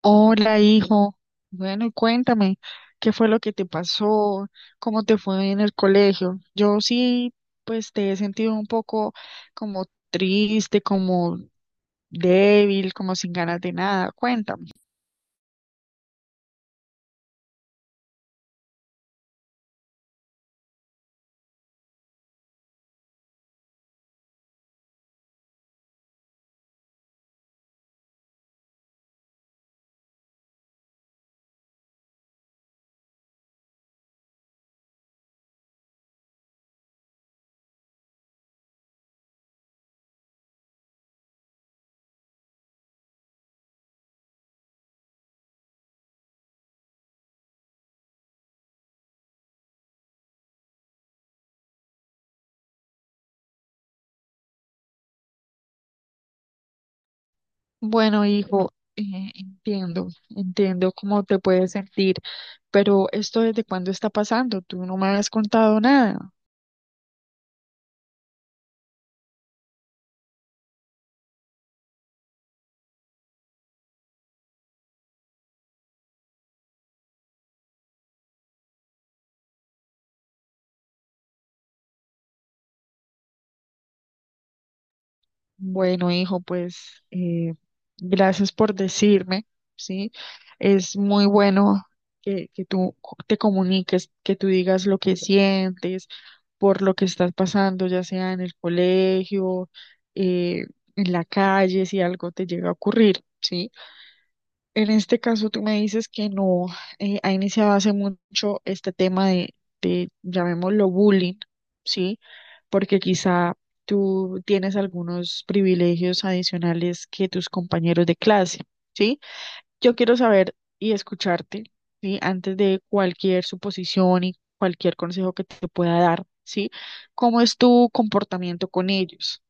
Hola, hijo. Bueno, y cuéntame, ¿qué fue lo que te pasó? ¿Cómo te fue en el colegio? Yo sí, pues te he sentido un poco como triste, como débil, como sin ganas de nada. Cuéntame. Bueno, hijo, entiendo, entiendo cómo te puedes sentir, pero ¿esto desde cuándo está pasando? Tú no me has contado nada. Bueno, hijo, pues gracias por decirme, ¿sí? Es muy bueno que te comuniques, que tú digas lo que sientes por lo que estás pasando, ya sea en el colegio, eh, en la calle, si algo te llega a ocurrir, ¿sí? En este caso, tú me dices que no ha iniciado hace mucho este tema de llamémoslo bullying, ¿sí? Porque quizá tú tienes algunos privilegios adicionales que tus compañeros de clase, ¿sí? Yo quiero saber y escucharte, ¿sí? Antes de cualquier suposición y cualquier consejo que te pueda dar, ¿sí? ¿Cómo es tu comportamiento con ellos?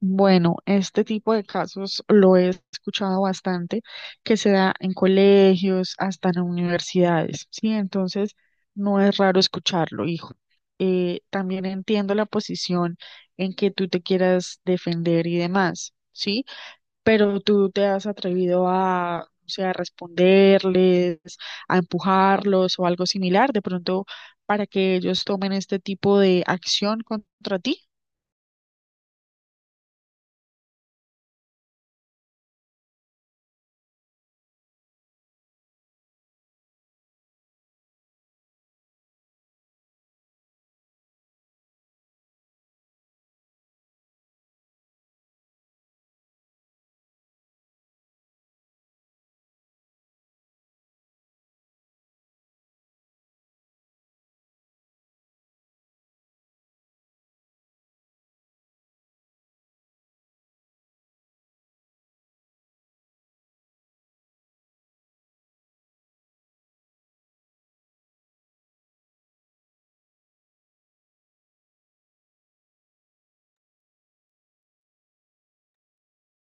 Bueno, este tipo de casos lo he escuchado bastante, que se da en colegios, hasta en universidades, ¿sí? Entonces, no es raro escucharlo, hijo. También entiendo la posición en que tú te quieras defender y demás, ¿sí? Pero tú te has atrevido a, o sea, a responderles, a empujarlos o algo similar, de pronto, para que ellos tomen este tipo de acción contra ti.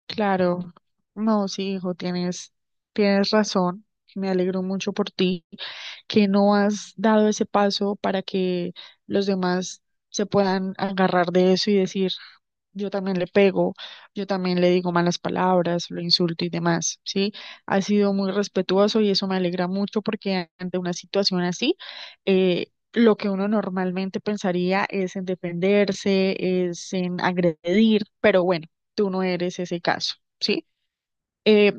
Claro, no, sí, hijo, tienes, tienes razón. Me alegro mucho por ti, que no has dado ese paso para que los demás se puedan agarrar de eso y decir, yo también le pego, yo también le digo malas palabras, lo insulto y demás, ¿sí? Ha sido muy respetuoso y eso me alegra mucho porque ante una situación así, eh, lo que uno normalmente pensaría es en defenderse, es en agredir, pero bueno, tú no eres ese caso, ¿sí? Eh,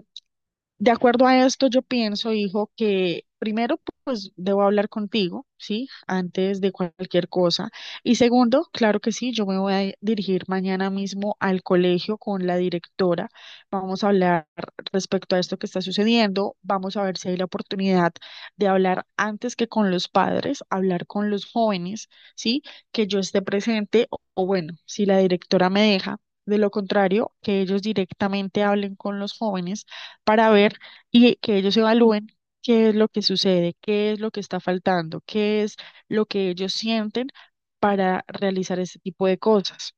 de acuerdo a esto, yo pienso, hijo, que primero, pues debo hablar contigo, ¿sí? Antes de cualquier cosa. Y segundo, claro que sí, yo me voy a dirigir mañana mismo al colegio con la directora. Vamos a hablar respecto a esto que está sucediendo. Vamos a ver si hay la oportunidad de hablar antes que con los padres, hablar con los jóvenes, ¿sí? Que yo esté presente o bueno, si la directora me deja. De lo contrario, que ellos directamente hablen con los jóvenes para ver y que ellos evalúen qué es lo que sucede, qué es lo que está faltando, qué es lo que ellos sienten para realizar este tipo de cosas.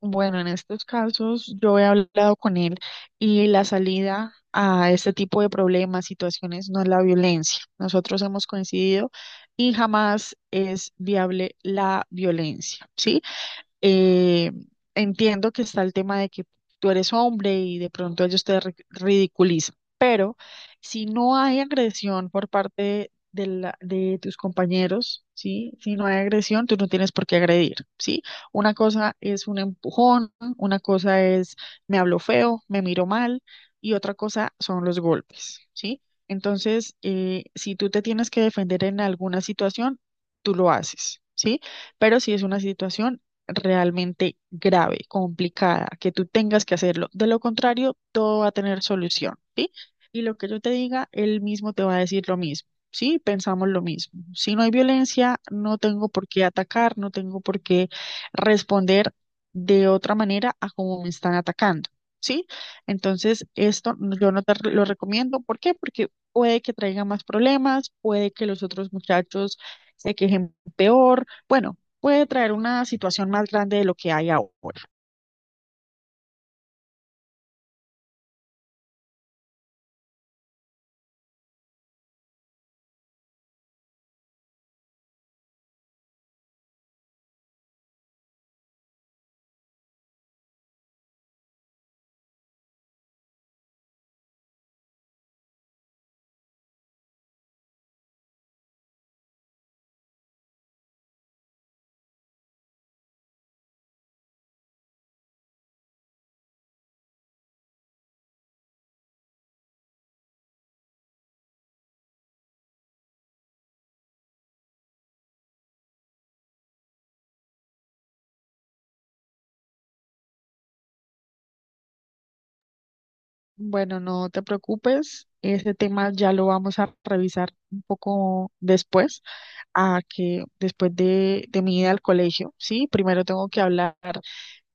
Bueno, en estos casos yo he hablado con él y la salida a este tipo de problemas, situaciones, no es la violencia. Nosotros hemos coincidido y jamás es viable la violencia, ¿sí? Eh, entiendo que está el tema de que tú eres hombre y de pronto ellos ridiculizan, pero si no hay agresión por parte de tus compañeros, ¿sí? Si no hay agresión, tú no tienes por qué agredir, ¿sí? Una cosa es un empujón, una cosa es me hablo feo, me miro mal y otra cosa son los golpes, ¿sí? Entonces, si tú te tienes que defender en alguna situación, tú lo haces, ¿sí? Pero si es una situación realmente grave, complicada, que tú tengas que hacerlo. De lo contrario, todo va a tener solución, ¿sí? Y lo que yo te diga, él mismo te va a decir lo mismo, ¿sí? Pensamos lo mismo. Si no hay violencia, no tengo por qué atacar, no tengo por qué responder de otra manera a cómo me están atacando, ¿sí? Entonces, esto no- yo no lo recomiendo. ¿Por qué? Porque puede que traiga más problemas, puede que los otros muchachos se quejen peor. Bueno, puede traer una situación más grande de lo que hay ahora. Bueno, no te preocupes, ese tema ya lo vamos a revisar un poco después, a que después de mi ida al colegio, ¿sí? Primero tengo que hablar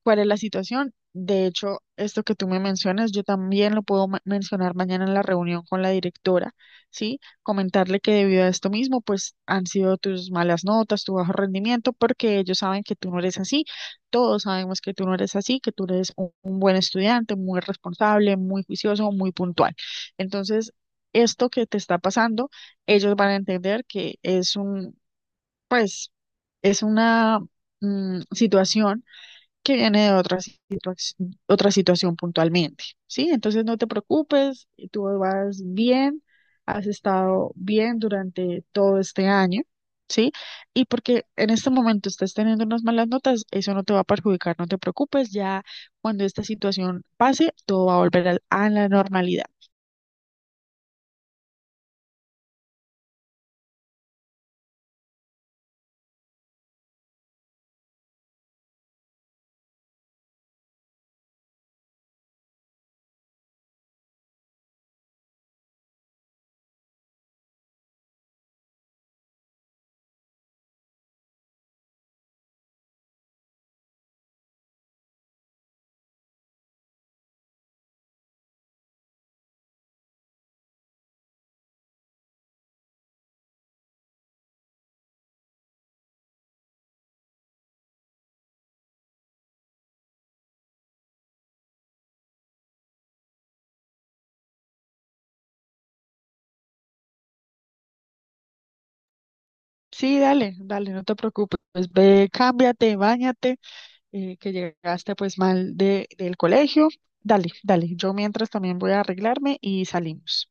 cuál es la situación. De hecho, esto que tú me mencionas, yo también lo puedo mencionar mañana en la reunión con la directora, ¿sí? Comentarle que debido a esto mismo, pues han sido tus malas notas, tu bajo rendimiento, porque ellos saben que tú no eres así, todos sabemos que tú no eres así, que tú eres un buen estudiante, muy responsable, muy juicioso, muy puntual. Entonces, esto que te está pasando, ellos van a entender que es un, pues, es una situación que viene de otra situación puntualmente, ¿sí? Entonces no te preocupes, tú vas bien, has estado bien durante todo este año, ¿sí? Y porque en este momento estás teniendo unas malas notas, eso no te va a perjudicar, no te preocupes, ya cuando esta situación pase, todo va a volver a la normalidad. Sí, dale, dale, no te preocupes, ve, cámbiate, báñate que llegaste pues mal del colegio. Dale, dale. Yo mientras también voy a arreglarme y salimos.